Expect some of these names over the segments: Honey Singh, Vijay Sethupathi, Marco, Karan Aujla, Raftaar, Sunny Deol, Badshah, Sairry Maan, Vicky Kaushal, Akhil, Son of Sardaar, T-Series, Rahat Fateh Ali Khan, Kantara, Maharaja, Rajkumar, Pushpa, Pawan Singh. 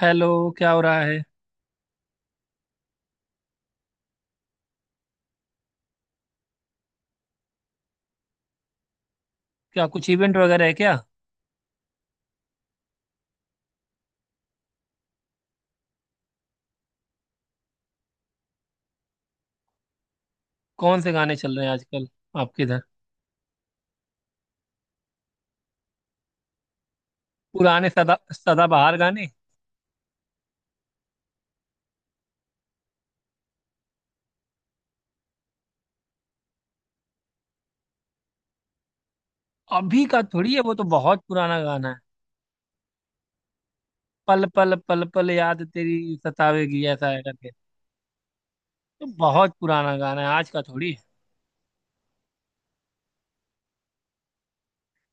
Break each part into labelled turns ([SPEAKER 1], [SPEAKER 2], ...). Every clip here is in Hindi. [SPEAKER 1] हेलो। क्या हो रहा है। क्या कुछ इवेंट वगैरह है क्या। कौन से गाने चल रहे हैं आजकल आपके इधर। पुराने सदा सदाबहार गाने। अभी का थोड़ी है, वो तो बहुत पुराना गाना है। पल पल पल पल याद तेरी सतावेगी ऐसा है करके। तो बहुत पुराना गाना है, आज का थोड़ी है।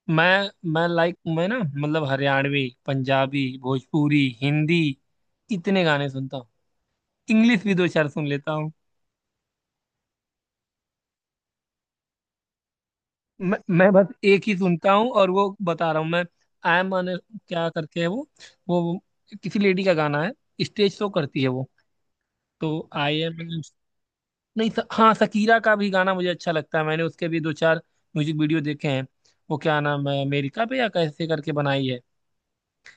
[SPEAKER 1] मैं लाइक मैं, ना मतलब हरियाणवी, पंजाबी, भोजपुरी, हिंदी इतने गाने सुनता हूँ। इंग्लिश भी दो चार सुन लेता। मैं बस एक ही सुनता हूँ और वो बता रहा हूँ मैं। आई एम अन। क्या करके है वो। वो किसी लेडी का गाना है। स्टेज शो करती है वो। तो आई एम। नहीं हाँ, शकीरा का भी गाना मुझे अच्छा लगता है, मैंने उसके भी दो चार म्यूजिक वीडियो देखे हैं। वो क्या नाम है, अमेरिका पे या कैसे करके बनाई है।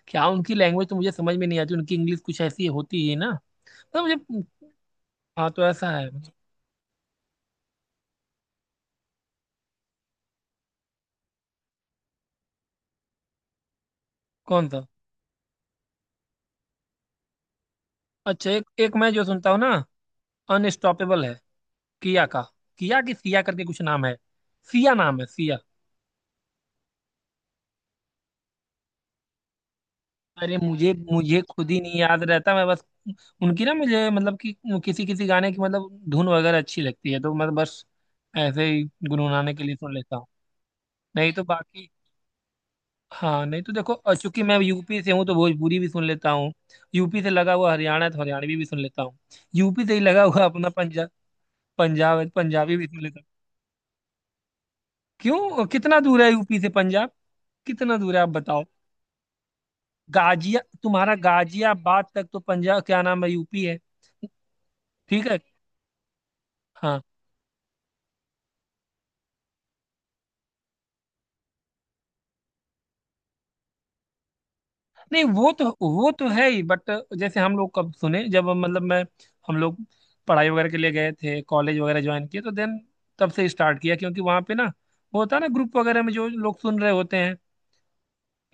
[SPEAKER 1] क्या उनकी लैंग्वेज तो मुझे समझ में नहीं आती, उनकी इंग्लिश कुछ ऐसी होती है ना। तो मुझे। हाँ, तो ऐसा है। कौन सा। अच्छा, एक एक मैं जो सुनता हूँ ना। अनस्टॉपेबल है। किया का। किया कि सिया करके कुछ नाम है। सिया नाम है सिया। अरे मुझे मुझे खुद ही नहीं याद रहता, मैं बस। उनकी, ना मुझे मतलब कि किसी किसी गाने की मतलब धुन वगैरह अच्छी लगती है तो मैं बस ऐसे ही गुनगुनाने के लिए सुन लेता हूँ। नहीं तो बाकी। हाँ नहीं तो देखो, और चूंकि मैं यूपी से हूँ तो भोजपुरी भी सुन लेता हूँ। यूपी से लगा हुआ हरियाणा है तो हरियाणवी भी सुन लेता हूँ। यूपी से ही लगा हुआ अपना पंजाब। पंजाब है तो पंजाबी भी सुन लेता हूँ। क्यों, कितना दूर है यूपी से पंजाब। कितना दूर है आप बताओ। गाजिया तुम्हारा गाजियाबाद तक तो पंजाब, क्या नाम है, यूपी है। ठीक है। हाँ नहीं, वो तो है ही, बट जैसे हम लोग कब सुने, जब मतलब मैं हम लोग पढ़ाई वगैरह के लिए गए थे, कॉलेज वगैरह ज्वाइन किए, तो देन तब से स्टार्ट किया, क्योंकि वहाँ पे ना वो होता है ना ग्रुप वगैरह में जो लोग सुन रहे होते हैं।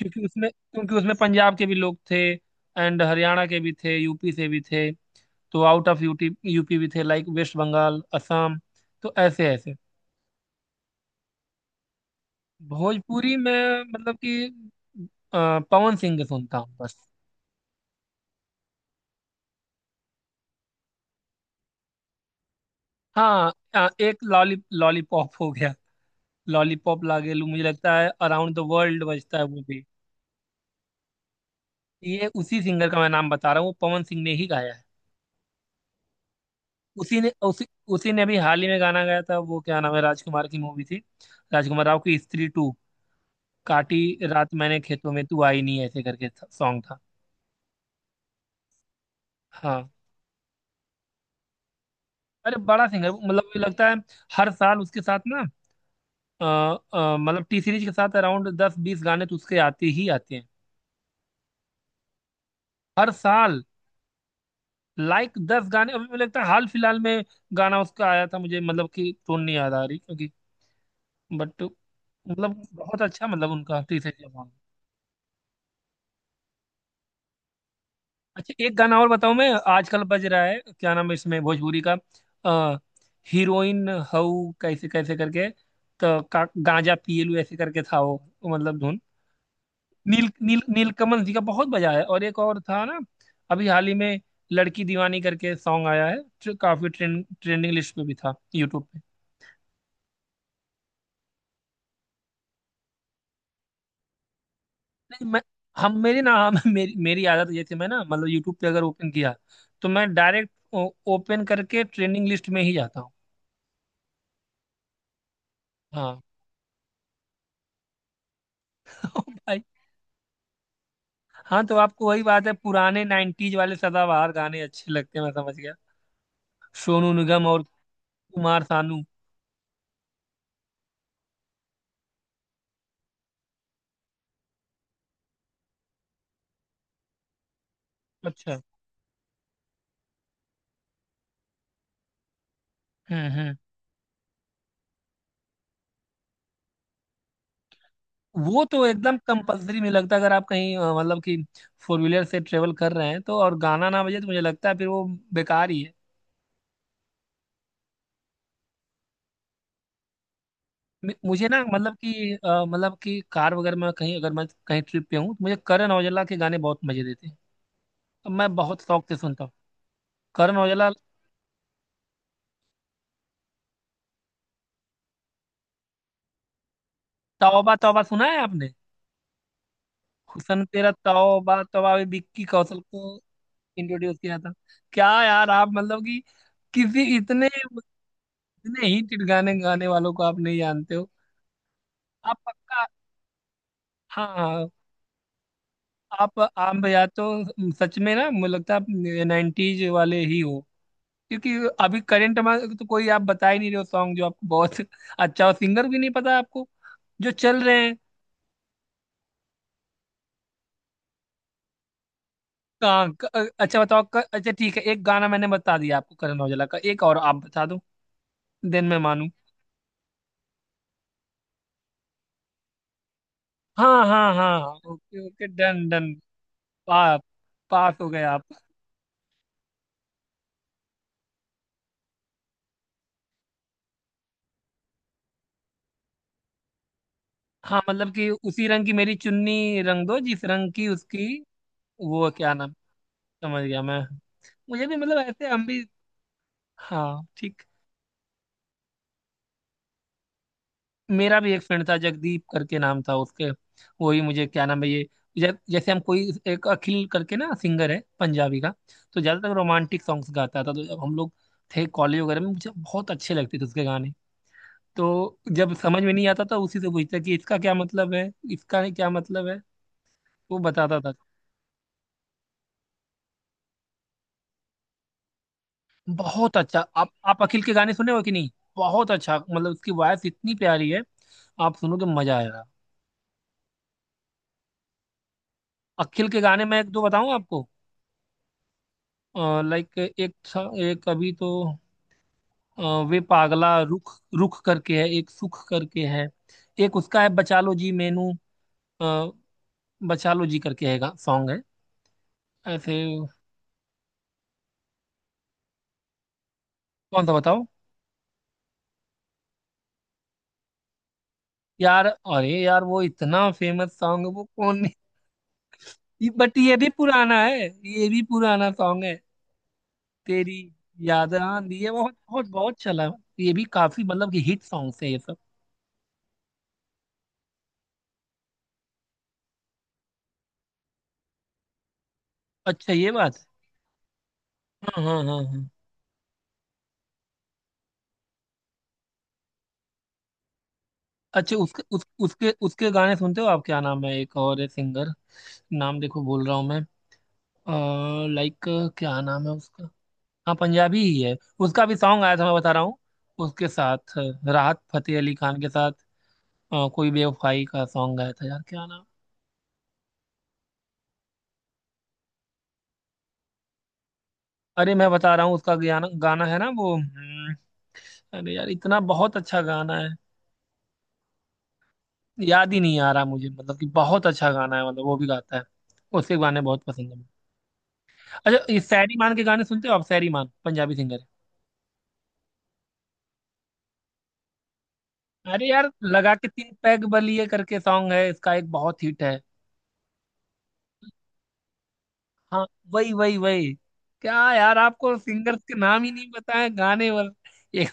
[SPEAKER 1] क्योंकि उसमें पंजाब के भी लोग थे, एंड हरियाणा के भी थे, यूपी से भी थे। तो आउट ऑफ यूटी यूपी भी थे, लाइक वेस्ट बंगाल, असम। तो ऐसे ऐसे। भोजपुरी में मतलब कि पवन सिंह के सुनता हूँ बस। हाँ, एक लॉलीपॉप हो गया। लॉलीपॉप लागे लू, मुझे लगता है अराउंड द वर्ल्ड बजता है वो भी। ये उसी सिंगर का मैं नाम बता रहा हूँ, वो पवन सिंह ने ही गाया है। उसी ने उसी उसी ने अभी हाल ही में गाना गाया था, वो क्या नाम है, राजकुमार की मूवी थी। राजकुमार राव की स्त्री टू। काटी रात मैंने खेतों में तू आई नहीं, ऐसे करके सॉन्ग था। हाँ, अरे बड़ा सिंगर मतलब, मुझे लगता है हर साल उसके साथ ना मतलब टी सीरीज के साथ अराउंड दस बीस गाने तो उसके आते ही आते हैं। हर साल लाइक दस गाने। अभी मुझे लगता है हाल फिलहाल में गाना उसका आया था, मुझे मतलब कि टोन नहीं याद आ रही, क्योंकि बट मतलब बहुत अच्छा मतलब उनका टी सीरीज का गाना। अच्छा एक गाना और बताऊं, मैं आजकल बज रहा है, क्या नाम है इसमें भोजपुरी का। आ, हीरोइन हऊ कैसे कैसे करके, तो गांजा पिएलू ऐसे करके था वो। मतलब धुन। नील नील नीलकमल जी का बहुत बजा है, और एक और था ना अभी हाल ही में, लड़की दीवानी करके सॉन्ग आया है, जो काफी ट्रेंडिंग लिस्ट पे भी था यूट्यूब पे। नहीं, मैं हम मेरी ना हम मेरी मेरी आदत ये थी, मैं ना मतलब यूट्यूब पे अगर ओपन किया तो मैं डायरेक्ट ओपन करके ट्रेंडिंग लिस्ट में ही जाता हूँ। हाँ तो भाई। हाँ तो आपको वही बात है, पुराने 90s वाले सदाबहार गाने अच्छे लगते हैं, मैं समझ गया। सोनू निगम और कुमार सानू। अच्छा। हम्म। वो तो एकदम कंपलसरी, मुझे लगता है अगर आप कहीं मतलब कि फोर व्हीलर से ट्रेवल कर रहे हैं तो, और गाना ना बजे तो मुझे लगता है फिर वो बेकार ही है। मुझे ना मतलब कि मतलब कि कार वगैरह में कहीं, अगर मैं कहीं ट्रिप पे हूँ तो मुझे करण औजला के गाने बहुत मजे देते हैं। तो मैं बहुत शौक से सुनता हूँ। करण औजला। तौबा तौबा सुना है आपने। हुसन तेरा तौबा तौबा भी विक्की कौशल को इंट्रोड्यूस किया था। क्या यार, आप मतलब कि किसी इतने, इतने ही गाने गाने वालों को आप नहीं जानते हो। आप पक्का। हाँ, आप या तो सच में, ना मुझे लगता है आप नाइन्टीज वाले ही हो, क्योंकि अभी करंट में तो कोई आप बता ही नहीं रहे हो सॉन्ग जो आपको बहुत अच्छा हो, सिंगर भी नहीं पता आपको जो चल रहे हैं। कहाँ अच्छा बताओ, अच्छा ठीक है, एक गाना मैंने बता दिया आपको करण औजला का, एक और आप बता दो, देन मैं मानू। हाँ हाँ हाँ। Okay okay done done. पा, पास हो गए आप। हाँ मतलब कि उसी रंग की मेरी चुन्नी रंग दो जिस रंग की उसकी। वो क्या नाम, समझ गया मैं। मुझे भी मतलब ऐसे हम भी। हाँ ठीक। मेरा भी एक फ्रेंड था, जगदीप करके नाम था उसके। वो ही मुझे, क्या नाम है ये, जैसे हम कोई एक अखिल करके ना सिंगर है पंजाबी का। तो ज्यादातर रोमांटिक सॉन्ग्स गाता था, तो जब हम लोग थे कॉलेज वगैरह में, मुझे बहुत अच्छे लगते थे उसके गाने। तो जब समझ में नहीं आता था, उसी से पूछता कि इसका क्या मतलब है, इसका क्या मतलब है। वो बताता था। बहुत अच्छा, आप अखिल के गाने सुने हो कि नहीं। बहुत अच्छा मतलब, उसकी वॉयस इतनी प्यारी है। आप सुनोगे, मजा आएगा। अखिल के गाने मैं एक दो बताऊं आपको। लाइक एक था, एक अभी तो अ, वे पागला रुख रुख करके है, एक सुख करके है। एक उसका है बचा लो जी मैनू, अ, बचा लो जी करके है सॉन्ग है ऐसे। कौन सा बताओ। यार अरे यार वो इतना फेमस सॉन्ग है, वो कौन। बट ये भी पुराना है, ये भी पुराना सॉन्ग है। तेरी याद आंधी है, बहुत बहुत बहुत चला। ये भी काफी मतलब कि हिट सॉन्ग है ये सब। अच्छा ये बात है। हाँ हाँ हाँ हाँ। अच्छा उसके उस, उसके उसके गाने सुनते हो आप, क्या नाम है, एक और है सिंगर। नाम देखो बोल रहा हूँ मैं। लाइक, क्या नाम है उसका। हाँ पंजाबी ही है। उसका भी सॉन्ग आया था, मैं बता रहा हूँ उसके साथ राहत फतेह अली खान के साथ कोई बेवफाई का सॉन्ग आया था, यार क्या नाम। अरे मैं बता रहा हूँ उसका गाना गाना है ना वो, हम्म। अरे यार इतना बहुत अच्छा गाना है। याद ही नहीं आ रहा मुझे, मतलब कि बहुत अच्छा गाना है, मतलब वो भी गाता है। उसके गाने बहुत पसंद है। अच्छा, ये सैरी मान के गाने सुनते हो आप, सैरी मान पंजाबी सिंगर है। अरे यार लगा के तीन पैग बलिए करके सॉन्ग है इसका, एक बहुत हिट है। हाँ, वही वही वही। क्या यार, आपको सिंगर्स के नाम ही नहीं पता है, गाने वाल एक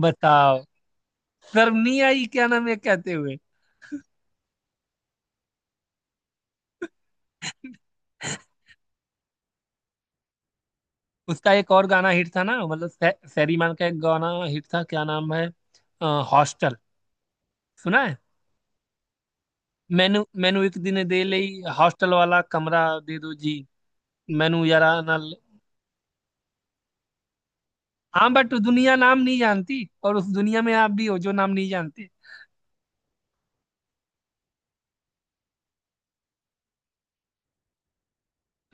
[SPEAKER 1] बताओ। शर्म नहीं आई, क्या नाम है, कहते हुए। उसका एक और गाना हिट था ना, मतलब सैरीमान का एक गाना हिट था, क्या नाम है। हॉस्टल सुना है। मैनू मैनू एक दिन दे लई हॉस्टल वाला कमरा दे दो जी, मैनू यारा ना। हाँ बट दुनिया नाम नहीं जानती, और उस दुनिया में आप भी हो जो नाम नहीं जानते।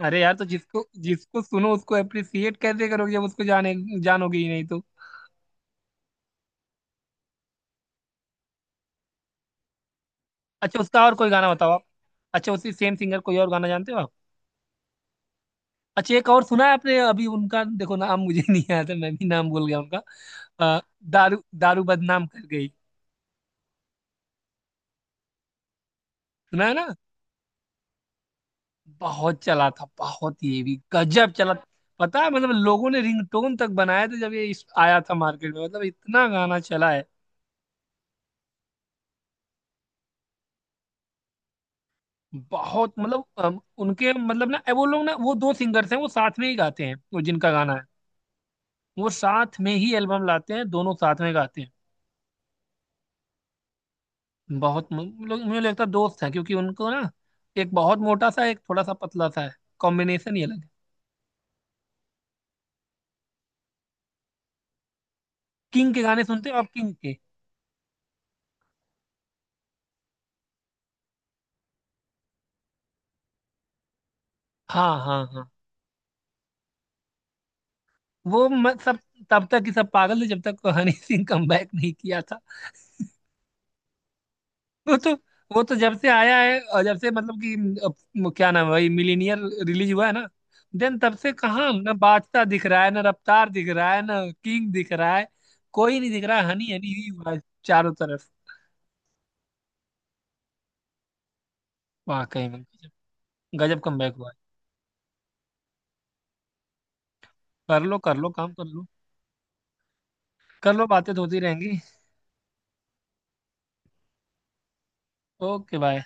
[SPEAKER 1] अरे यार, तो जिसको जिसको सुनो उसको अप्रिसिएट कैसे करोगे, जब उसको जाने जानोगे ही नहीं तो। अच्छा उसका और कोई गाना बताओ आप। अच्छा उसी सेम सिंगर कोई और गाना जानते हो आप। अच्छा एक और सुना है आपने, अभी उनका देखो, नाम मुझे नहीं याद है, मैं भी नाम भूल गया उनका। अ, दारू दारू बदनाम कर गई। सुना है ना। बहुत चला था, बहुत ये भी गजब चला। पता है, मतलब लोगों ने रिंगटोन तक बनाया था जब ये आया था मार्केट में, मतलब इतना गाना चला है। बहुत मतलब उनके मतलब ना वो लोग, ना वो दो सिंगर्स हैं, वो साथ में ही गाते हैं, वो जिनका गाना है। वो साथ में ही एल्बम लाते हैं, दोनों साथ में गाते हैं। बहुत लोग, मुझे लगता है दोस्त हैं, क्योंकि उनको ना एक बहुत मोटा सा, एक थोड़ा सा पतला सा है। कॉम्बिनेशन ही अलग है। किंग के गाने सुनते हो आप, किंग के। हाँ हाँ हाँ। वो सब तब तक ही सब पागल थे, जब तक हनी सिंह कमबैक नहीं किया था। वो तो वो तो जब से आया है, और जब से मतलब कि क्या नाम है भाई, मिलीनियर रिलीज हुआ है ना, देन तब से कहाँ ना बादशाह दिख रहा है, ना रफ्तार दिख रहा है, ना किंग दिख रहा है। कोई नहीं दिख रहा है, हनी हनी ही हुआ है चारों तरफ। वाकई में गजब। गजब कमबैक हुआ है। कर लो, कर लो, काम कर लो। कर लो, बातें तो होती रहेंगी। Okay bye.